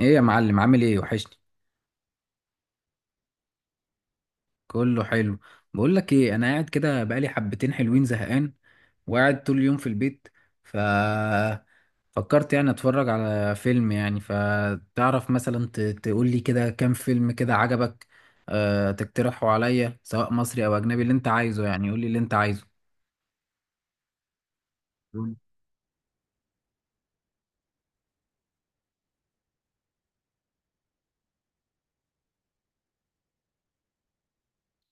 ايه يا معلم، عامل ايه؟ وحشني. كله حلو. بقول لك ايه، انا قاعد كده بقالي حبتين حلوين زهقان وقاعد طول اليوم في البيت. ف فكرت يعني اتفرج على فيلم. يعني فتعرف مثلا تقول لي كده كام فيلم كده عجبك، تقترحه عليا، سواء مصري او اجنبي، اللي انت عايزه. يعني قول لي اللي انت عايزه.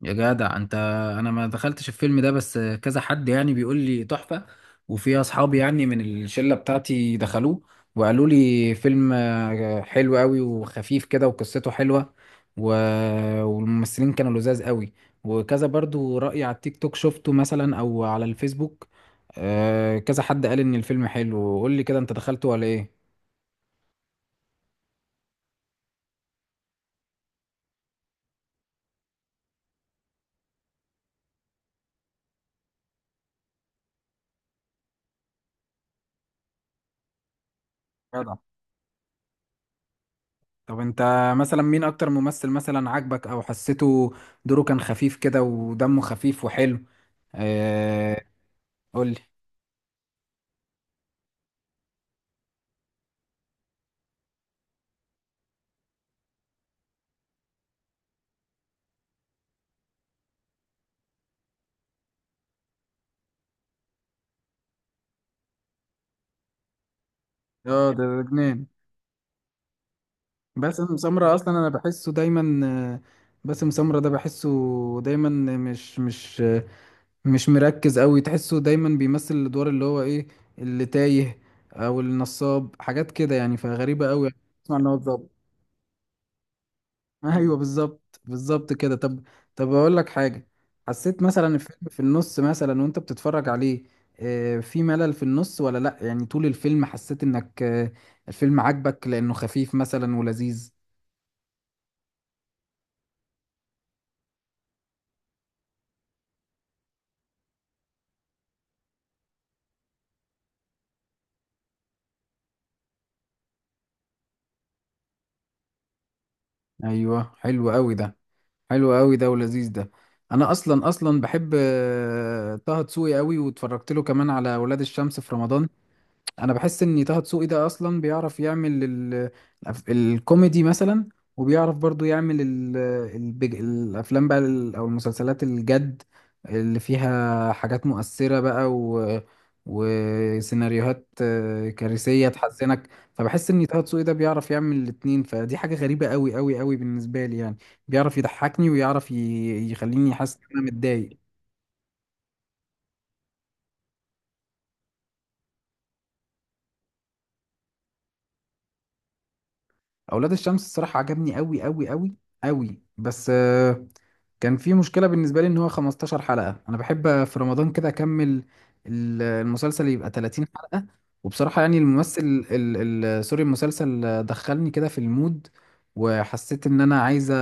يا جدع انت، انا ما دخلتش الفيلم ده، بس كذا حد يعني بيقول لي تحفة. وفي اصحابي يعني من الشلة بتاعتي دخلوه وقالوا لي فيلم حلو قوي وخفيف كده وقصته حلوة و... والممثلين كانوا لذاذ قوي. وكذا برضو رأي على التيك توك شفته، مثلا او على الفيسبوك، كذا حد قال ان الفيلم حلو. قول لي كده، انت دخلته ولا ايه؟ جدع. طب انت مثلا مين اكتر ممثل مثلا عاجبك او حسيته دوره كان خفيف كده ودمه خفيف وحلو؟ آه، قول لي. اه، ده جنان. باسم سمرة اصلا انا بحسه دايما، آه، باسم سمرة ده بحسه دايما، مش مركز قوي، تحسه دايما بيمثل الادوار اللي هو ايه، اللي تايه او النصاب، حاجات كده يعني، فغريبة قوي. اسمع ان هو اتظبط. ايوه، بالظبط بالظبط كده. طب، طب اقول لك حاجه. حسيت مثلا الفيلم في النص مثلا وانت بتتفرج عليه في ملل في النص ولا لا؟ يعني طول الفيلم حسيت انك الفيلم عجبك لانه خفيف مثلا ولذيذ؟ ايوه، حلو قوي ده، حلو قوي ده ولذيذ ده. انا اصلا اصلا بحب طه دسوقي قوي، واتفرجت له كمان على ولاد الشمس في رمضان. انا بحس ان طه دسوقي ده اصلا بيعرف يعمل الكوميدي مثلا، وبيعرف برضو يعمل الافلام بقى او المسلسلات الجد اللي فيها حاجات مؤثرة بقى وسيناريوهات كارثية تحزنك. فبحس ان طه دسوقي ده بيعرف يعمل الاتنين، فدي حاجة غريبة قوي قوي قوي بالنسبة لي يعني. بيعرف يضحكني ويعرف يخليني حاسس ان انا متضايق. اولاد الشمس الصراحة عجبني قوي قوي قوي قوي، بس كان في مشكلة بالنسبة لي ان هو 15 حلقة. انا بحب في رمضان كده اكمل المسلسل، يبقى 30 حلقة. وبصراحة يعني الممثل سوري المسلسل دخلني كده في المود، وحسيت ان انا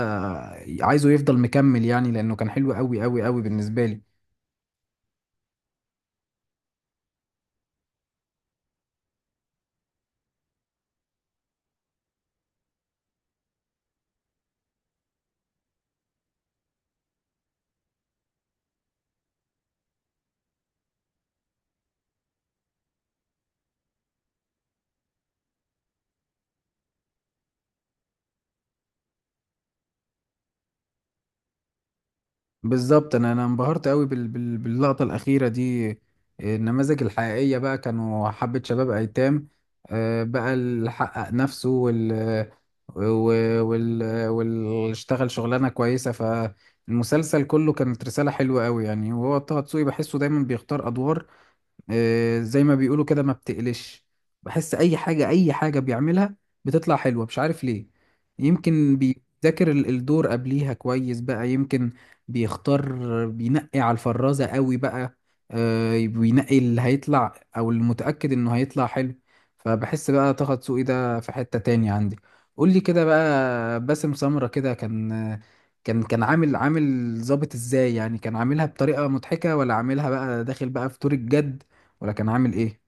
عايزه يفضل مكمل، يعني لانه كان حلو قوي قوي قوي بالنسبة لي. بالظبط، انا انبهرت قوي باللقطه الاخيره دي. النماذج الحقيقيه بقى كانوا حبه شباب ايتام، بقى اللي حقق نفسه و- وال واللي اشتغل شغلانه كويسه، فالمسلسل كله كانت رساله حلوه قوي يعني. وهو طه دسوقي بحسه دايما بيختار ادوار، زي ما بيقولوا كده ما بتقلش. بحس اي حاجة، اي حاجة بيعملها بتطلع حلوة، مش عارف ليه. يمكن بيذاكر الدور قبليها كويس بقى، يمكن بيختار، بينقي على الفرازة قوي بقى. بينقي اللي هيطلع او المتأكد انه هيطلع حلو. فبحس بقى طه دسوقي ده في حتة تاني عندي. قول لي كده بقى، باسم سمرة كده كان، كان عامل، عامل ظابط ازاي يعني؟ كان عاملها بطريقة مضحكة ولا عاملها بقى داخل بقى في دور الجد، ولا كان عامل ايه؟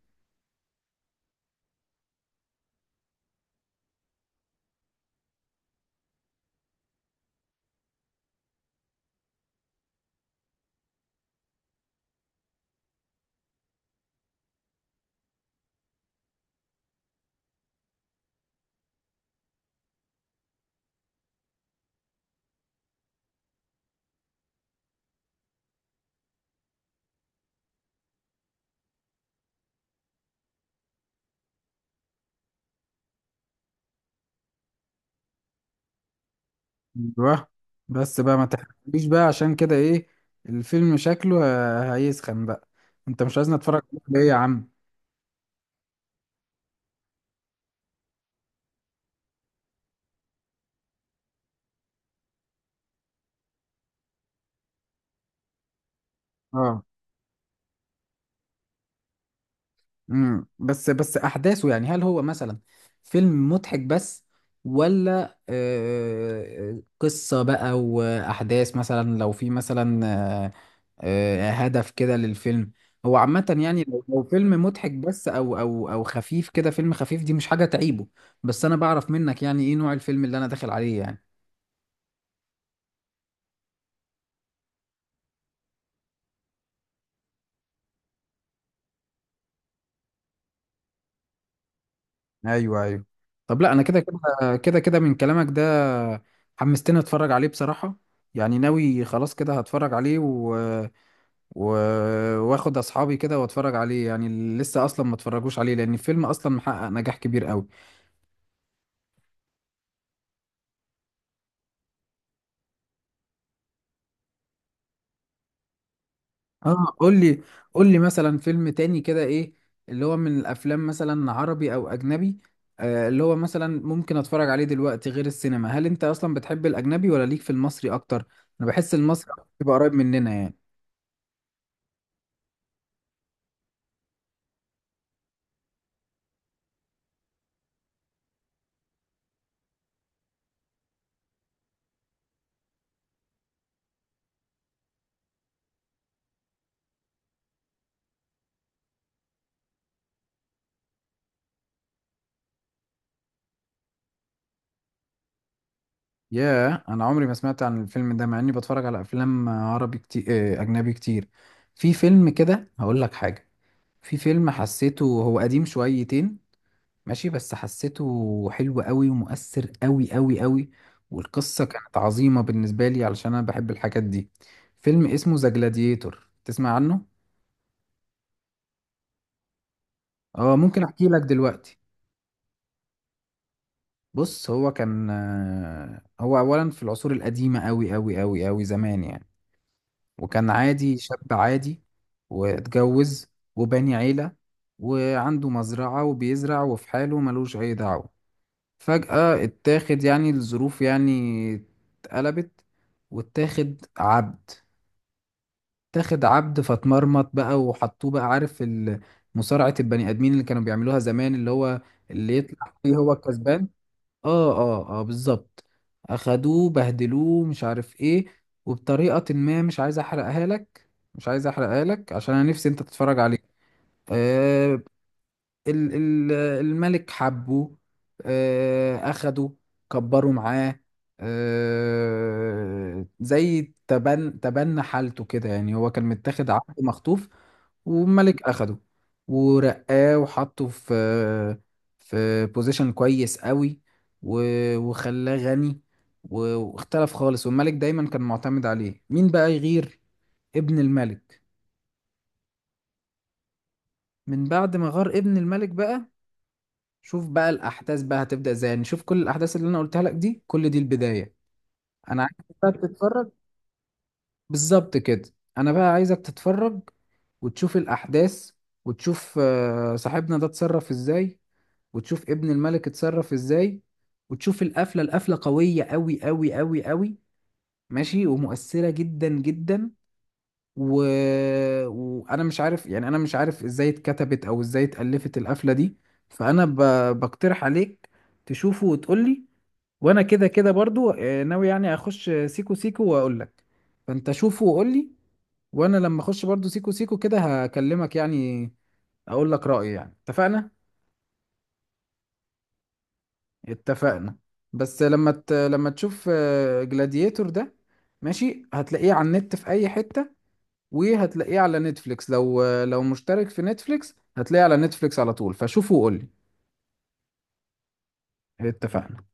ايوه، بس بقى ما تحكيش بقى، عشان كده ايه الفيلم شكله هيسخن بقى. انت مش عايزني اتفرج عليه يا عم؟ اه. امم، بس بس احداثه يعني، هل هو مثلا فيلم مضحك بس، ولا قصة بقى واحداث؟ مثلا لو في مثلا هدف كده للفيلم. هو عامة يعني لو، فيلم مضحك بس او خفيف كده، فيلم خفيف دي مش حاجة تعيبه، بس انا بعرف منك يعني ايه نوع الفيلم اللي انا داخل عليه يعني. ايوه، ايوه. طب لا، انا كده من كلامك ده حمستني اتفرج عليه بصراحة. يعني ناوي خلاص كده هتفرج عليه، واخد اصحابي كده واتفرج عليه، يعني اللي لسه اصلا ما اتفرجوش عليه، لان الفيلم اصلا محقق نجاح كبير قوي. اه، قول لي. قول لي مثلا فيلم تاني كده، ايه اللي هو من الافلام مثلا عربي او اجنبي، آه، اللي هو مثلا ممكن اتفرج عليه دلوقتي غير السينما؟ هل انت اصلا بتحب الاجنبي ولا ليك في المصري اكتر؟ انا بحس المصري بيبقى قريب مننا يعني. ياه، انا عمري ما سمعت عن الفيلم ده، مع اني بتفرج على افلام عربي كتير، اجنبي كتير. في فيلم كده هقول لك حاجة، في فيلم حسيته هو قديم شويتين ماشي، بس حسيته حلو قوي ومؤثر قوي قوي قوي، والقصة كانت عظيمة بالنسبة لي علشان أنا بحب الحاجات دي. فيلم اسمه ذا جلاديتور، تسمع عنه؟ اه، ممكن أحكي لك دلوقتي. بص، هو كان هو أولا في العصور القديمة قوي قوي قوي قوي، زمان يعني. وكان عادي، شاب عادي واتجوز وبني عيلة، وعنده مزرعة وبيزرع وفي حاله، ملوش أي دعوة. فجأة اتاخد يعني، الظروف يعني اتقلبت واتاخد عبد. اتاخد عبد، فاتمرمط بقى، وحطوه بقى، عارف، مصارعة البني آدمين اللي كانوا بيعملوها زمان، اللي هو اللي يطلع فيه هو الكسبان. اه بالظبط. اخدوه بهدلوه مش عارف ايه، وبطريقة ما، مش عايز احرقها لك، مش عايز احرقها لك عشان انا نفسي انت تتفرج عليه. آه، ال- ال- الملك حبه، أخده، كبره معاه، زي تبنى حالته كده يعني، هو كان متاخد عبد مخطوف، والملك أخده ورقاه وحطه في في بوزيشن كويس قوي، وخلاه غني، واختلف خالص، والملك دايما كان معتمد عليه. مين بقى يغير؟ ابن الملك. من بعد ما غار ابن الملك بقى، شوف بقى الاحداث بقى هتبدا ازاي. يعني شوف كل الاحداث اللي انا قلتها لك دي، كل دي البدايه. انا عايزك بقى تتفرج. بالظبط كده، انا بقى عايزك تتفرج وتشوف الاحداث، وتشوف صاحبنا ده اتصرف ازاي، وتشوف ابن الملك اتصرف ازاي، وتشوف القفله. القفله قويه قوي قوي قوي قوي ماشي، ومؤثره جدا جدا، و... وانا مش عارف يعني، انا مش عارف ازاي اتكتبت او ازاي اتالفت القفله دي. فانا ب... بقترح عليك تشوفه وتقولي. وانا كده كده برضو ناوي يعني اخش سيكو سيكو واقول لك. فانت شوفه وقول لي، وانا لما اخش برضو سيكو سيكو كده هكلمك يعني، اقول لك رأيي يعني. اتفقنا؟ اتفقنا. بس لما لما تشوف جلاديتور ده ماشي، هتلاقيه على النت في اي حتة، وهتلاقيه على نتفليكس، لو لو مشترك في نتفليكس هتلاقيه على نتفليكس على طول. فشوفه وقول لي. اتفقنا.